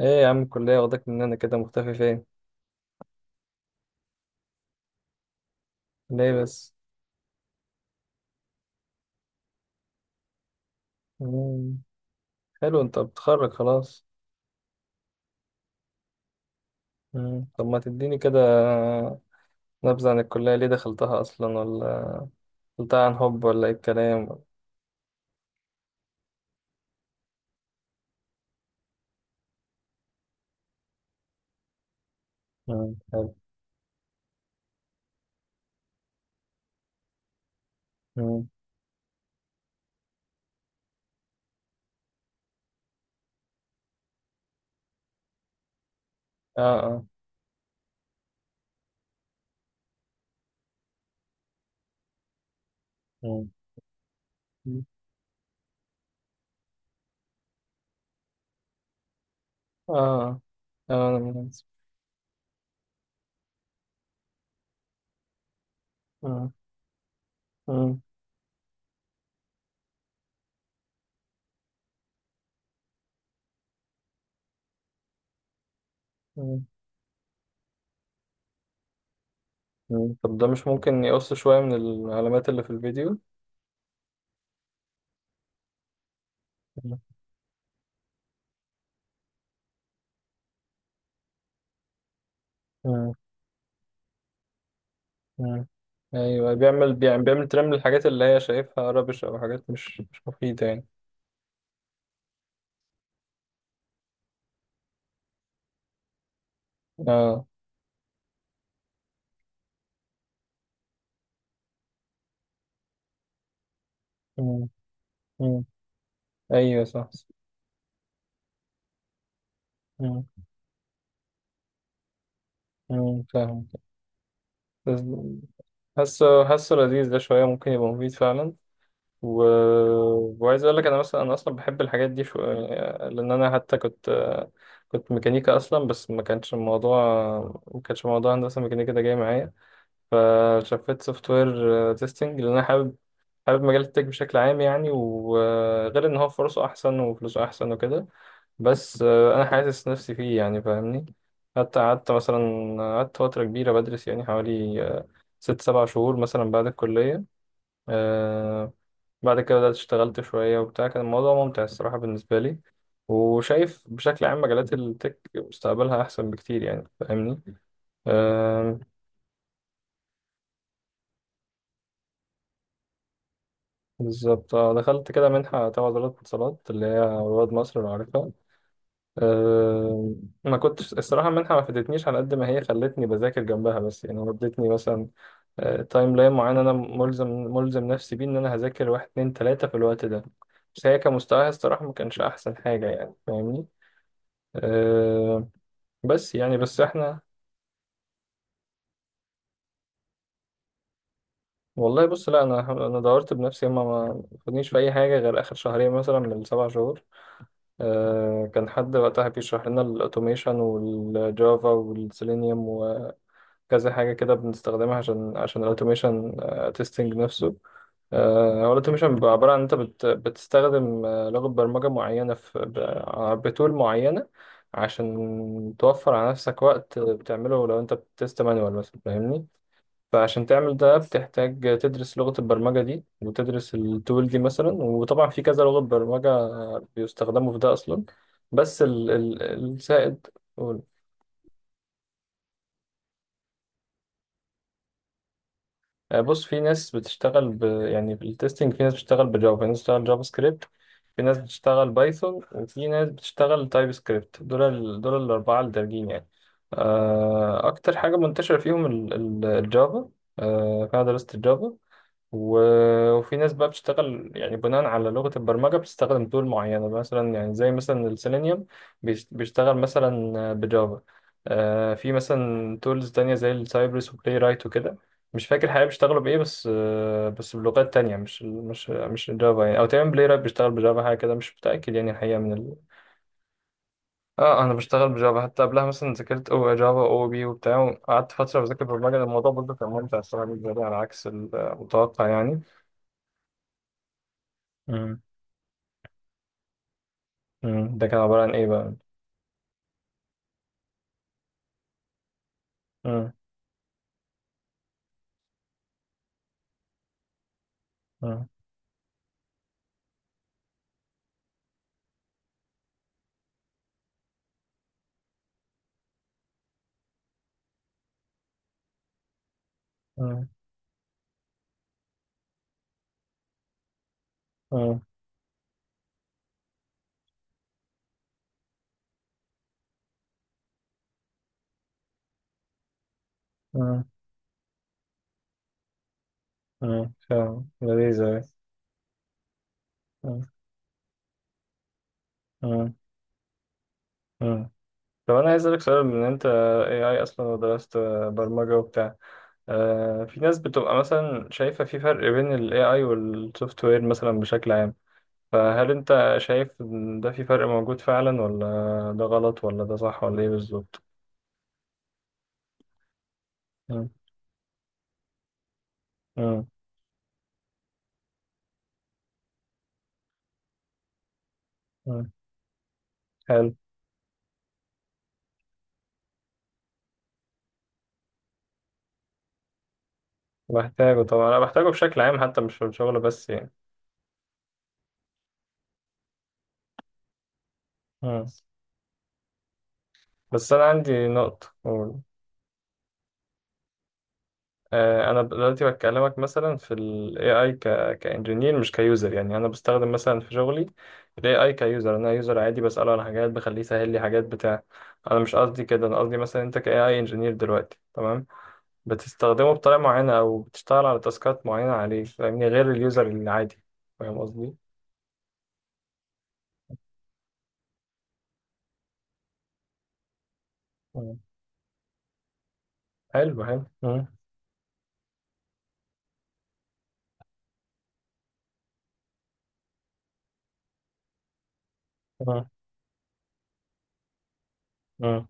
ايه يا عم الكلية واخدك مننا كده مختفي فين؟ ليه بس؟ مم. حلو انت بتتخرج خلاص. مم. طب ما تديني كده نبذة عن الكلية ليه دخلتها أصلا ولا دخلتها عن حب ولا ايه الكلام؟ مم. حلو. مم. اه اه. مم. اه اه. أنا مناسب. مم. مم. مم. مم. طب ده مش ممكن يقص شوية من العلامات اللي في الفيديو؟ مم. مم. مم. ايوه بيعمل ترمل الحاجات اللي هي شايفها ربش او حاجات مش مفيدة يعني. اه. مم. مم. ايوه صح. مم. مم. فاهم. بس حاسه لذيذ ده شويه ممكن يبقى مفيد فعلا. و... وعايز اقول لك انا مثلا انا اصلا بحب الحاجات دي. لان انا حتى كنت ميكانيكا اصلا بس ما كانش موضوع هندسه ميكانيكا ده جاي معايا. فشفت سوفت وير تيستنج لان انا حابب مجال التك بشكل عام يعني وغير ان هو فرصه احسن وفلوسه احسن وكده. بس انا حاسس نفسي فيه يعني فاهمني. حتى قعدت فتره كبيره بدرس يعني حوالي ست سبع شهور مثلا بعد الكليه. آه، بعد كده بدأت اشتغلت شويه وبتاع كان الموضوع ممتع الصراحه بالنسبه لي. وشايف بشكل عام مجالات التك مستقبلها احسن بكتير يعني فاهمني. آه، بالظبط. دخلت كده منحه تبع وزاره الاتصالات اللي هي رواد مصر لو عارفها. آه، ما كنتش الصراحة المنحة ما فادتنيش على قد ما هي خلتني بذاكر جنبها بس يعني ودتني مثلا تايم لاين معين انا ملزم نفسي بيه ان انا هذاكر واحد اتنين تلاتة في الوقت ده. بس هي كمستواها الصراحة ما كانش احسن حاجة يعني فاهمني. أه. بس يعني بس احنا. والله بص لا انا دورت بنفسي هما ما خدنيش في اي حاجة غير اخر شهرين مثلا من السبع شهور. أه كان حد وقتها بيشرح لنا الاوتوميشن والجافا والسيلينيوم كذا حاجة كده بنستخدمها عشان الأوتوميشن تيستنج نفسه. هو الأوتوميشن بيبقى عبارة عن أنت بتستخدم لغة برمجة معينة في بتول معينة عشان توفر على نفسك وقت بتعمله لو أنت بتست مانوال مثلا فاهمني؟ فعشان تعمل ده بتحتاج تدرس لغة البرمجة دي وتدرس التول دي مثلا وطبعا في كذا لغة برمجة بيستخدموا في ده أصلا. بس السائد. بص في ناس بتشتغل يعني بالتستنج في ناس بتشتغل بجافا في ناس بتشتغل جافا سكريبت في ناس بتشتغل بايثون وفي ناس بتشتغل تايب سكريبت دول الأربعة اللي دارجين يعني. أكتر حاجة منتشرة فيهم الجافا. فأنا درست الجافا. وفي ناس بقى بتشتغل يعني بناء على لغة البرمجة بتستخدم تول معينة مثلا يعني زي مثلا السيلينيوم بيشتغل مثلا بجافا. في مثلا تولز تانية زي السايبرس وبلاي رايت وكده. مش فاكر الحقيقة بيشتغلوا بإيه بس بس بلغات تانية مش جافا يعني. أو تقريبا بلاي رايت بيشتغل بجافا حاجة كده مش متأكد يعني الحقيقة من اه انا بشتغل بجافا حتى قبلها مثلا ذاكرت او جافا او بي وبتاع قعدت فتره بذاكر برمجه الموضوع برضه كان ممتع الصراحه بالنسبه لي على عكس المتوقع يعني. مم. ده كان عبارة عن إيه بقى؟ مم. مم. مم. مم. مم. مم. فاهم لذيذة. مم. مم. مم. طب أنا عايز أسألك سؤال من أنت AI أصلا ودرست برمجة وبتاع. في ناس بتبقى مثلا شايفة في فرق بين ال AI وال software مثلا بشكل عام. فهل أنت شايف إن ده في فرق موجود فعلا ولا ده غلط ولا ده صح ولا إيه بالظبط؟ مم. مم. مم. حلو. بحتاجه طبعا أنا بحتاجه بشكل عام حتى مش في الشغل بس يعني. مم. بس انا عندي نقطة أقول. انا دلوقتي بكلمك مثلا في ال AI كانجينير مش كيوزر يعني انا بستخدم مثلا في شغلي ال AI كيوزر انا يوزر عادي بسأله على حاجات بخليه يسهل لي حاجات بتاع. انا مش قصدي كده انا قصدي مثلا انت ك AI انجينير دلوقتي تمام بتستخدمه بطريقة معينة او بتشتغل على تاسكات معينة عليه فاهمني غير اليوزر العادي فاهم قصدي؟ مم. حلو حلو. مم. مم. مم.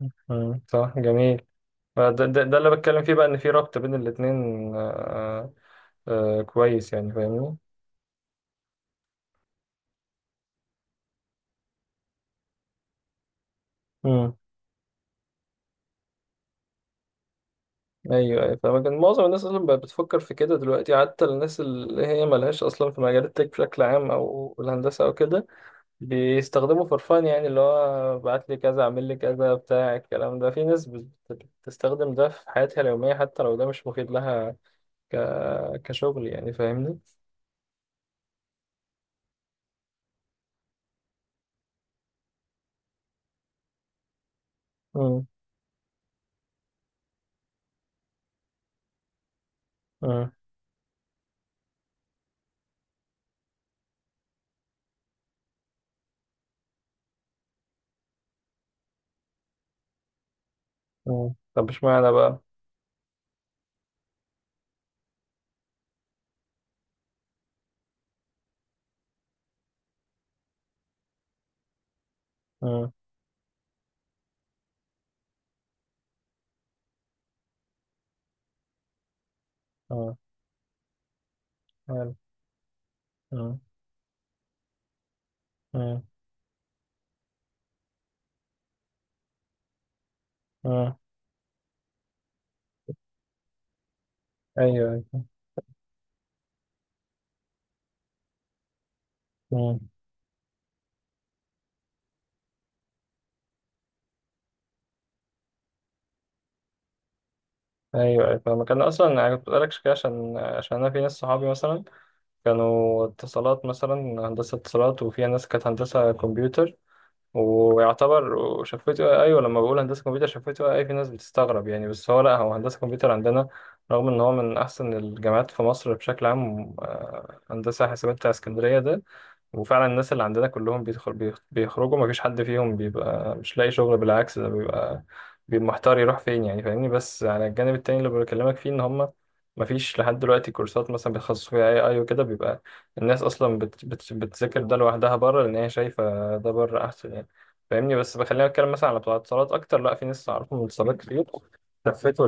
مم. مم. صح جميل. ده اللي بتكلم فيه بقى ان في ربط بين الاتنين. آه، آه، كويس يعني فاهمني. امم. ايوه ايوه فاهمك إن معظم الناس اصلا بقت بتفكر في كده دلوقتي حتى الناس اللي هي ملهاش اصلا في مجال التك بشكل عام او الهندسه او كده. بيستخدموا فرفان يعني اللي هو بعت لي كذا اعمل لي كذا بتاع الكلام ده في ناس بتستخدم ده في حياتها اليوميه حتى لو ده مش مفيد لها. ك... كشغل يعني فاهمني. امم امم طب اشمعنى بقى. امم امم. مم. ايوه ايوه. مم. ايوه ايوه فاهمك انا اصلا انا كنت بقولك كده عشان انا في ناس صحابي مثلا كانوا اتصالات مثلا هندسه اتصالات وفيها ناس كانت هندسه كمبيوتر. ويعتبر وشفت ايوه لما بقول هندسه كمبيوتر شفت اي في ناس بتستغرب يعني بس هو لا هو هندسه كمبيوتر عندنا رغم ان هو من احسن الجامعات في مصر بشكل عام هندسه حاسبات بتاع اسكندريه ده. وفعلا الناس اللي عندنا كلهم بيدخل بيخرجوا مفيش حد فيهم بيبقى مش لاقي شغل بالعكس ده بيبقى محتار يروح فين يعني فاهمني. بس على الجانب التاني اللي بكلمك فيه ان هم مفيش لحد دلوقتي كورسات مثلا بيتخصصوا فيها اي اي وكده بيبقى الناس اصلا بت بت بتذاكر ده لوحدها بره لان هي شايفه ده بره احسن يعني فاهمني. بس بخلينا اتكلم مثلا على بتوع اتصالات اكتر لا في ناس اعرفهم من اتصالات كتير لفتوا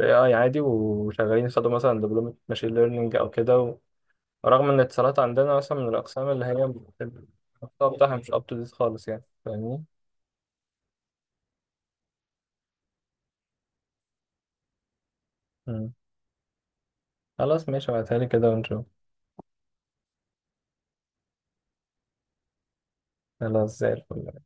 الاي اي عادي وشغالين خدوا مثلا دبلومه ماشين ليرنينج او كده. رغم ان الاتصالات عندنا مثلا من الاقسام اللي هي بتبقى المحتوى بتاعها مش اب تو ديت خالص يعني فاهمني. مم. خلاص ماشي ابعتها لي كده ونشوف. خلاص زي الفل.